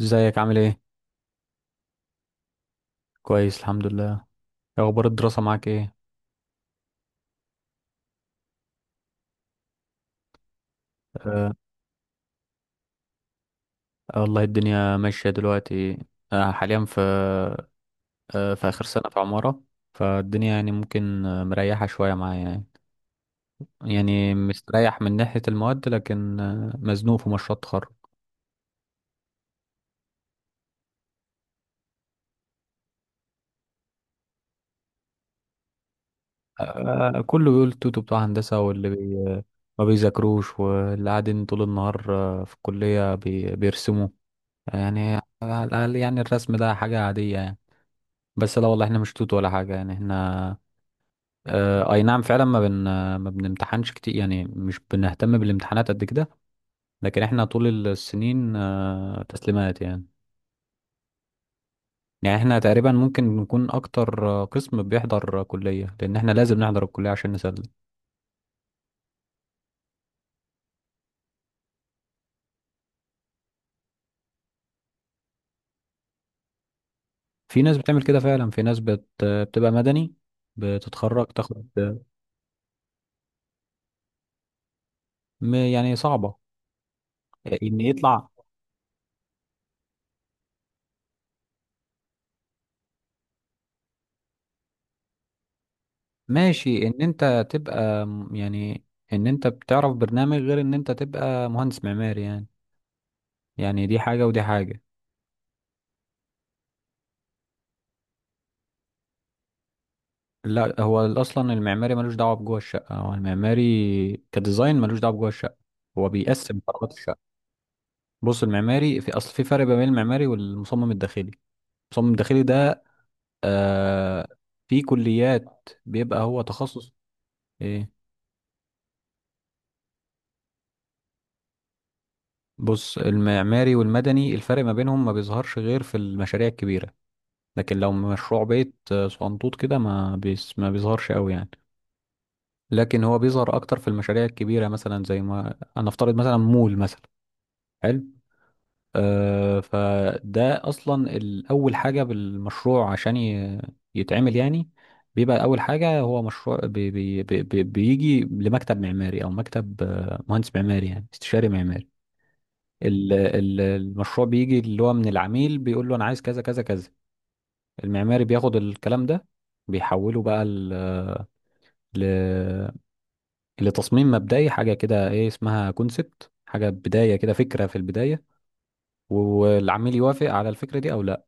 ازيك؟ عامل ايه؟ كويس، الحمد لله. إيه اخبار الدراسة معاك؟ ايه؟ آه. آه والله الدنيا ماشية دلوقتي. آه حاليا في اخر سنة في عمارة. فالدنيا يعني ممكن مريحة شوية معايا يعني. يعني مستريح من ناحية المواد، لكن مزنوق في مشروع التخرج. آه كله بيقول توتو بتوع هندسة، واللي ما بيذاكروش، واللي قاعدين طول النهار في الكلية بيرسموا يعني. على الأقل يعني الرسم ده حاجة عادية يعني. بس لا والله، احنا مش توت ولا حاجة يعني. احنا اه اي نعم فعلا ما بنمتحنش كتير، يعني مش بنهتم بالامتحانات قد كده. لكن احنا طول السنين اه تسليمات يعني. يعني احنا تقريبا ممكن نكون اكتر قسم بيحضر كلية، لان احنا لازم نحضر الكلية عشان نسلم. في ناس بتعمل كده فعلا، في ناس بتبقى مدني، بتتخرج تاخد. يعني صعبة ان يطلع. ماشي ان انت تبقى يعني ان انت بتعرف برنامج، غير ان انت تبقى مهندس معماري يعني. يعني دي حاجة ودي حاجة. لا، هو أصلا المعماري ملوش دعوة بجوه الشقة، هو المعماري كديزاين ملوش دعوة بجوه الشقة، هو بيقسم فقرات الشقة. بص، المعماري في أصل، في فرق بين المعماري والمصمم الداخلي. المصمم الداخلي ده آه، في كليات بيبقى هو تخصص. إيه؟ بص، المعماري والمدني الفرق ما بينهم ما بيظهرش غير في المشاريع الكبيرة. لكن لو مشروع بيت صغنطوط كده ما بيظهرش قوي يعني. لكن هو بيظهر اكتر في المشاريع الكبيره، مثلا زي ما انا افترض مثلا مول مثلا. حلو. آه، فده اصلا اول حاجه بالمشروع عشان يتعمل يعني. بيبقى اول حاجه، هو مشروع بي بي بي بي بيجي لمكتب معماري، او مكتب مهندس معماري، يعني استشاري معماري. المشروع بيجي اللي هو من العميل، بيقول له انا عايز كذا كذا كذا. المعماري بياخد الكلام ده، بيحوله بقى ل لتصميم مبدئي، حاجة كده ايه اسمها كونسبت، حاجة بداية كده، فكرة في البداية. والعميل يوافق على الفكرة دي او لا.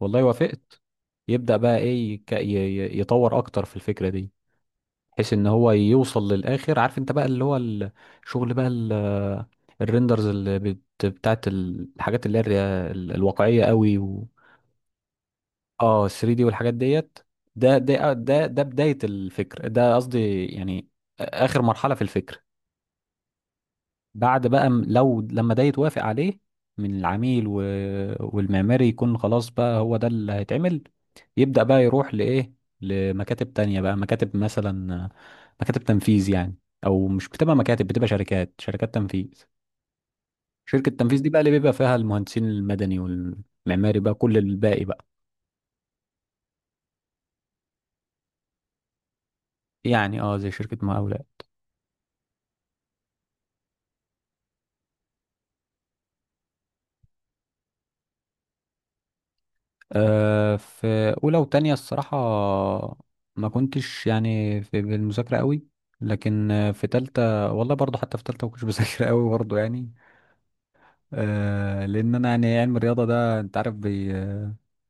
والله وافقت. يبدأ بقى ايه، يطور اكتر في الفكرة دي، بحيث ان هو يوصل للاخر. عارف انت بقى، اللي هو الشغل بقى الريندرز اللي بتاعت الحاجات اللي هي الواقعية قوي و... اه 3D دي والحاجات ديت. ده بداية الفكر ده قصدي يعني، آخر مرحلة في الفكر. بعد بقى لو لما ده يتوافق عليه من العميل و... والمعماري يكون خلاص، بقى هو ده اللي هيتعمل. يبدأ بقى يروح لإيه، لمكاتب تانية بقى، مكاتب، مثلا مكاتب تنفيذ يعني. أو مش بتبقى مكاتب، بتبقى شركات تنفيذ. شركة التنفيذ دي بقى، اللي بيبقى فيها المهندسين المدني والمعماري بقى كل الباقي بقى. يعني اه زي شركة مقاولة. في اولى وتانية الصراحه ما كنتش يعني في بالمذاكره قوي. لكن في تالتة والله برضو، حتى في تالتة ما كنتش بذاكر قوي برضو يعني. آه، لان انا يعني علم الرياضه ده، انت عارف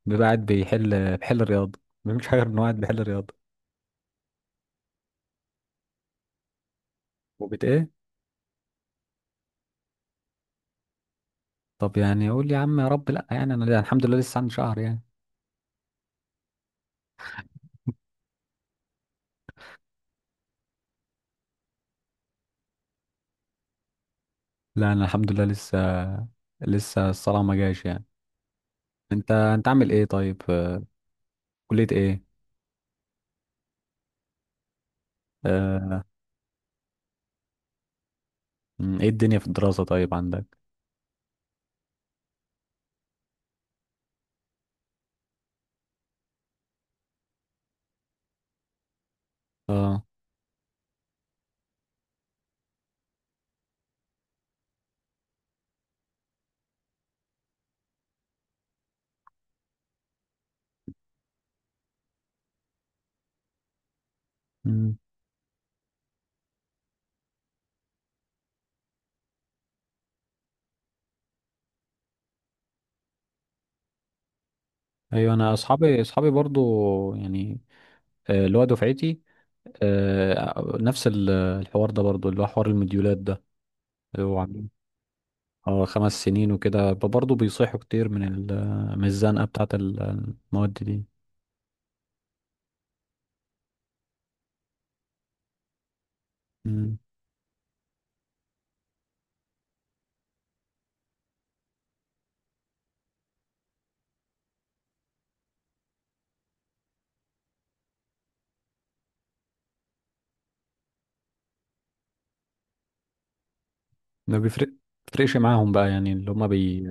بيبقى قاعد بيحل الرياضه، ما بيعملش حاجه غير انه قاعد بيحل الرياضه. وبت ايه؟ طب يعني اقول يا عم، يا رب لا، يعني انا الحمد لله لسه عندي شهر يعني. لا انا الحمد لله لسه، لسه الصلاه ما جاش يعني. انت عامل ايه طيب؟ كليه ايه؟ آه، ايه الدنيا في الدراسه طيب عندك؟ اه. مم. ايوه، انا اصحابي برضو يعني اللي هو دفعتي نفس الحوار ده برضو، اللي هو حوار المديولات ده. هو عاملين اه 5 سنين وكده، برضو بيصيحوا كتير من من الزنقه بتاعه المواد دي. مم. ما بيفرق بيفرقش معاهم بقى، يعني اللي هم بي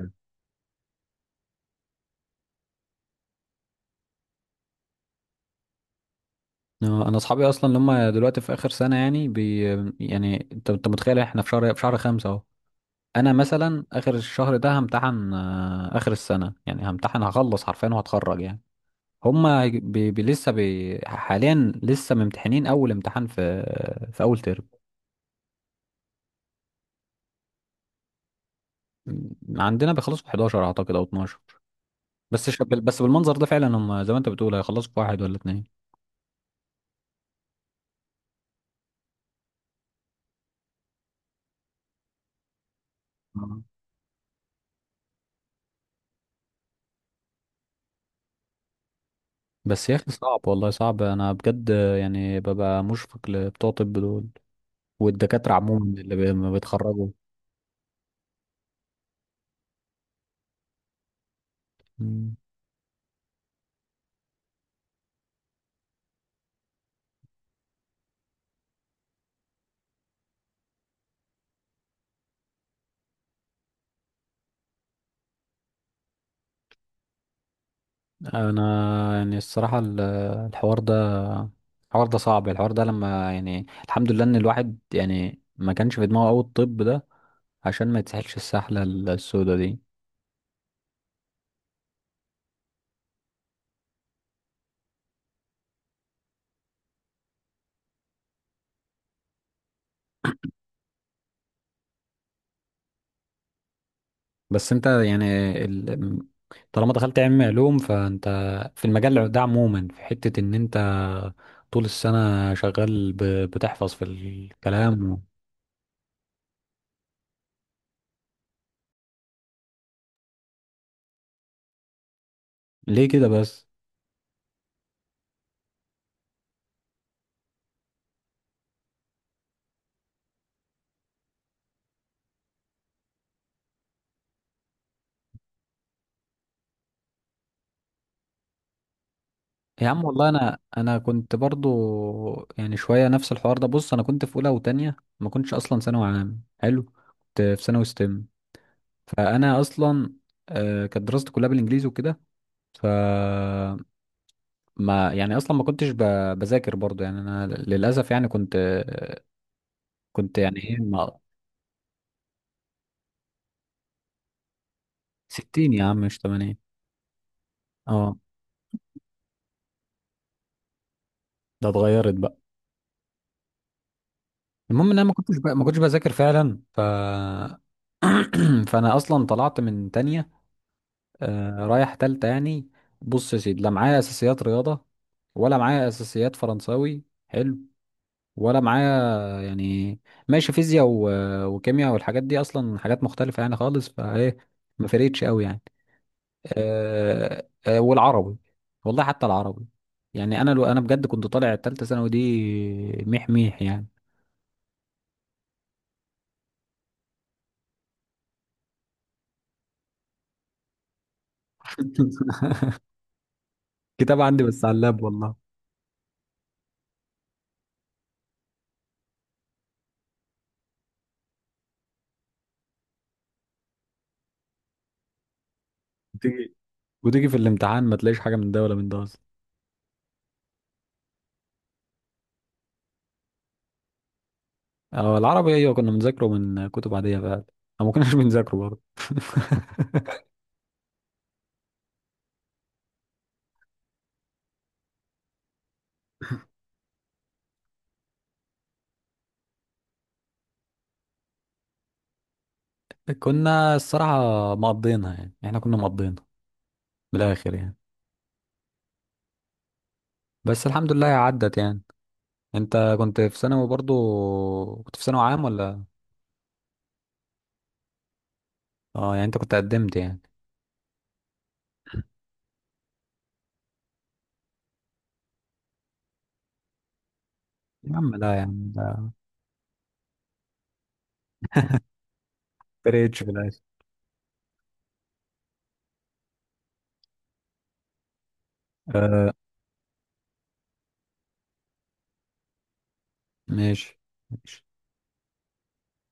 انا اصحابي اصلا اللي هم دلوقتي في اخر سنه يعني بي. يعني انت متخيل، احنا في شهر خمسة اهو. انا مثلا اخر الشهر ده همتحن اخر السنه يعني، همتحن هخلص حرفيا وهتخرج يعني. هما هيج- بي بي لسه بي حاليا لسه ممتحنين اول امتحان في، في اول ترم. عندنا بيخلصوا في 11 اعتقد او 12. بس بالمنظر ده فعلا هم زي ما انت بتقول هيخلصوا في واحد ولا اتنين. آه. بس يا اخي صعب، والله صعب انا بجد. يعني ببقى مشفق لبتوع طب دول، والدكاتره عموما اللي ما بيتخرجوا. انا يعني الصراحه الحوار ده الحوار ده صعب، الحوار ده لما يعني الحمد لله ان الواحد يعني ما كانش في دماغه قوي الطب ده، عشان ما يتسحلش السحله السوداء دي. بس انت يعني ال... طالما دخلت علم علوم، فانت في المجال ده عموما في حته ان انت طول السنه شغال بتحفظ في الكلام. ليه كده بس؟ يا عم والله انا كنت برضو يعني شويه نفس الحوار ده. بص، انا كنت في اولى وتانية ما كنتش اصلا ثانوي عام حلو، كنت في ثانوي ستيم. فانا اصلا كانت دراستي كلها بالانجليزي وكده. ف ما يعني اصلا ما كنتش بذاكر برضو يعني. انا للاسف يعني كنت يعني ايه، ما 60 يا عم مش 80. اه، ده اتغيرت بقى. المهم ان انا ما كنتش بذاكر فعلا. ف فانا اصلا طلعت من تانية آه رايح تالتة يعني. بص يا سيدي، لا معايا اساسيات رياضة، ولا معايا اساسيات فرنساوي حلو، ولا معايا يعني ماشي فيزياء وكيمياء، والحاجات دي اصلا حاجات مختلفة يعني خالص، فايه ما فرقتش قوي يعني. والعربي، والله حتى العربي، يعني انا لو انا بجد كنت طالع التالتة ثانوي دي ميح ميح يعني. كتاب عندي بس على اللاب والله. وتيجي وتيجي في الامتحان ما تلاقيش حاجة من ده ولا من ده. اه، العربي ايوه كنا بنذاكره من كتب عادية فعلا، او ما كناش بنذاكره برضه. كنا الصراحة مقضينها، يعني احنا كنا مقضينها من الاخر يعني. بس الحمد لله عدت يعني. انت كنت في ثانوي برضه، كنت في ثانوي عام ولا؟ اه يعني انت كنت قدمت يعني. يا عم لا يا عم، ده فرقتش في الاخر. آه، ماشي. ماشي.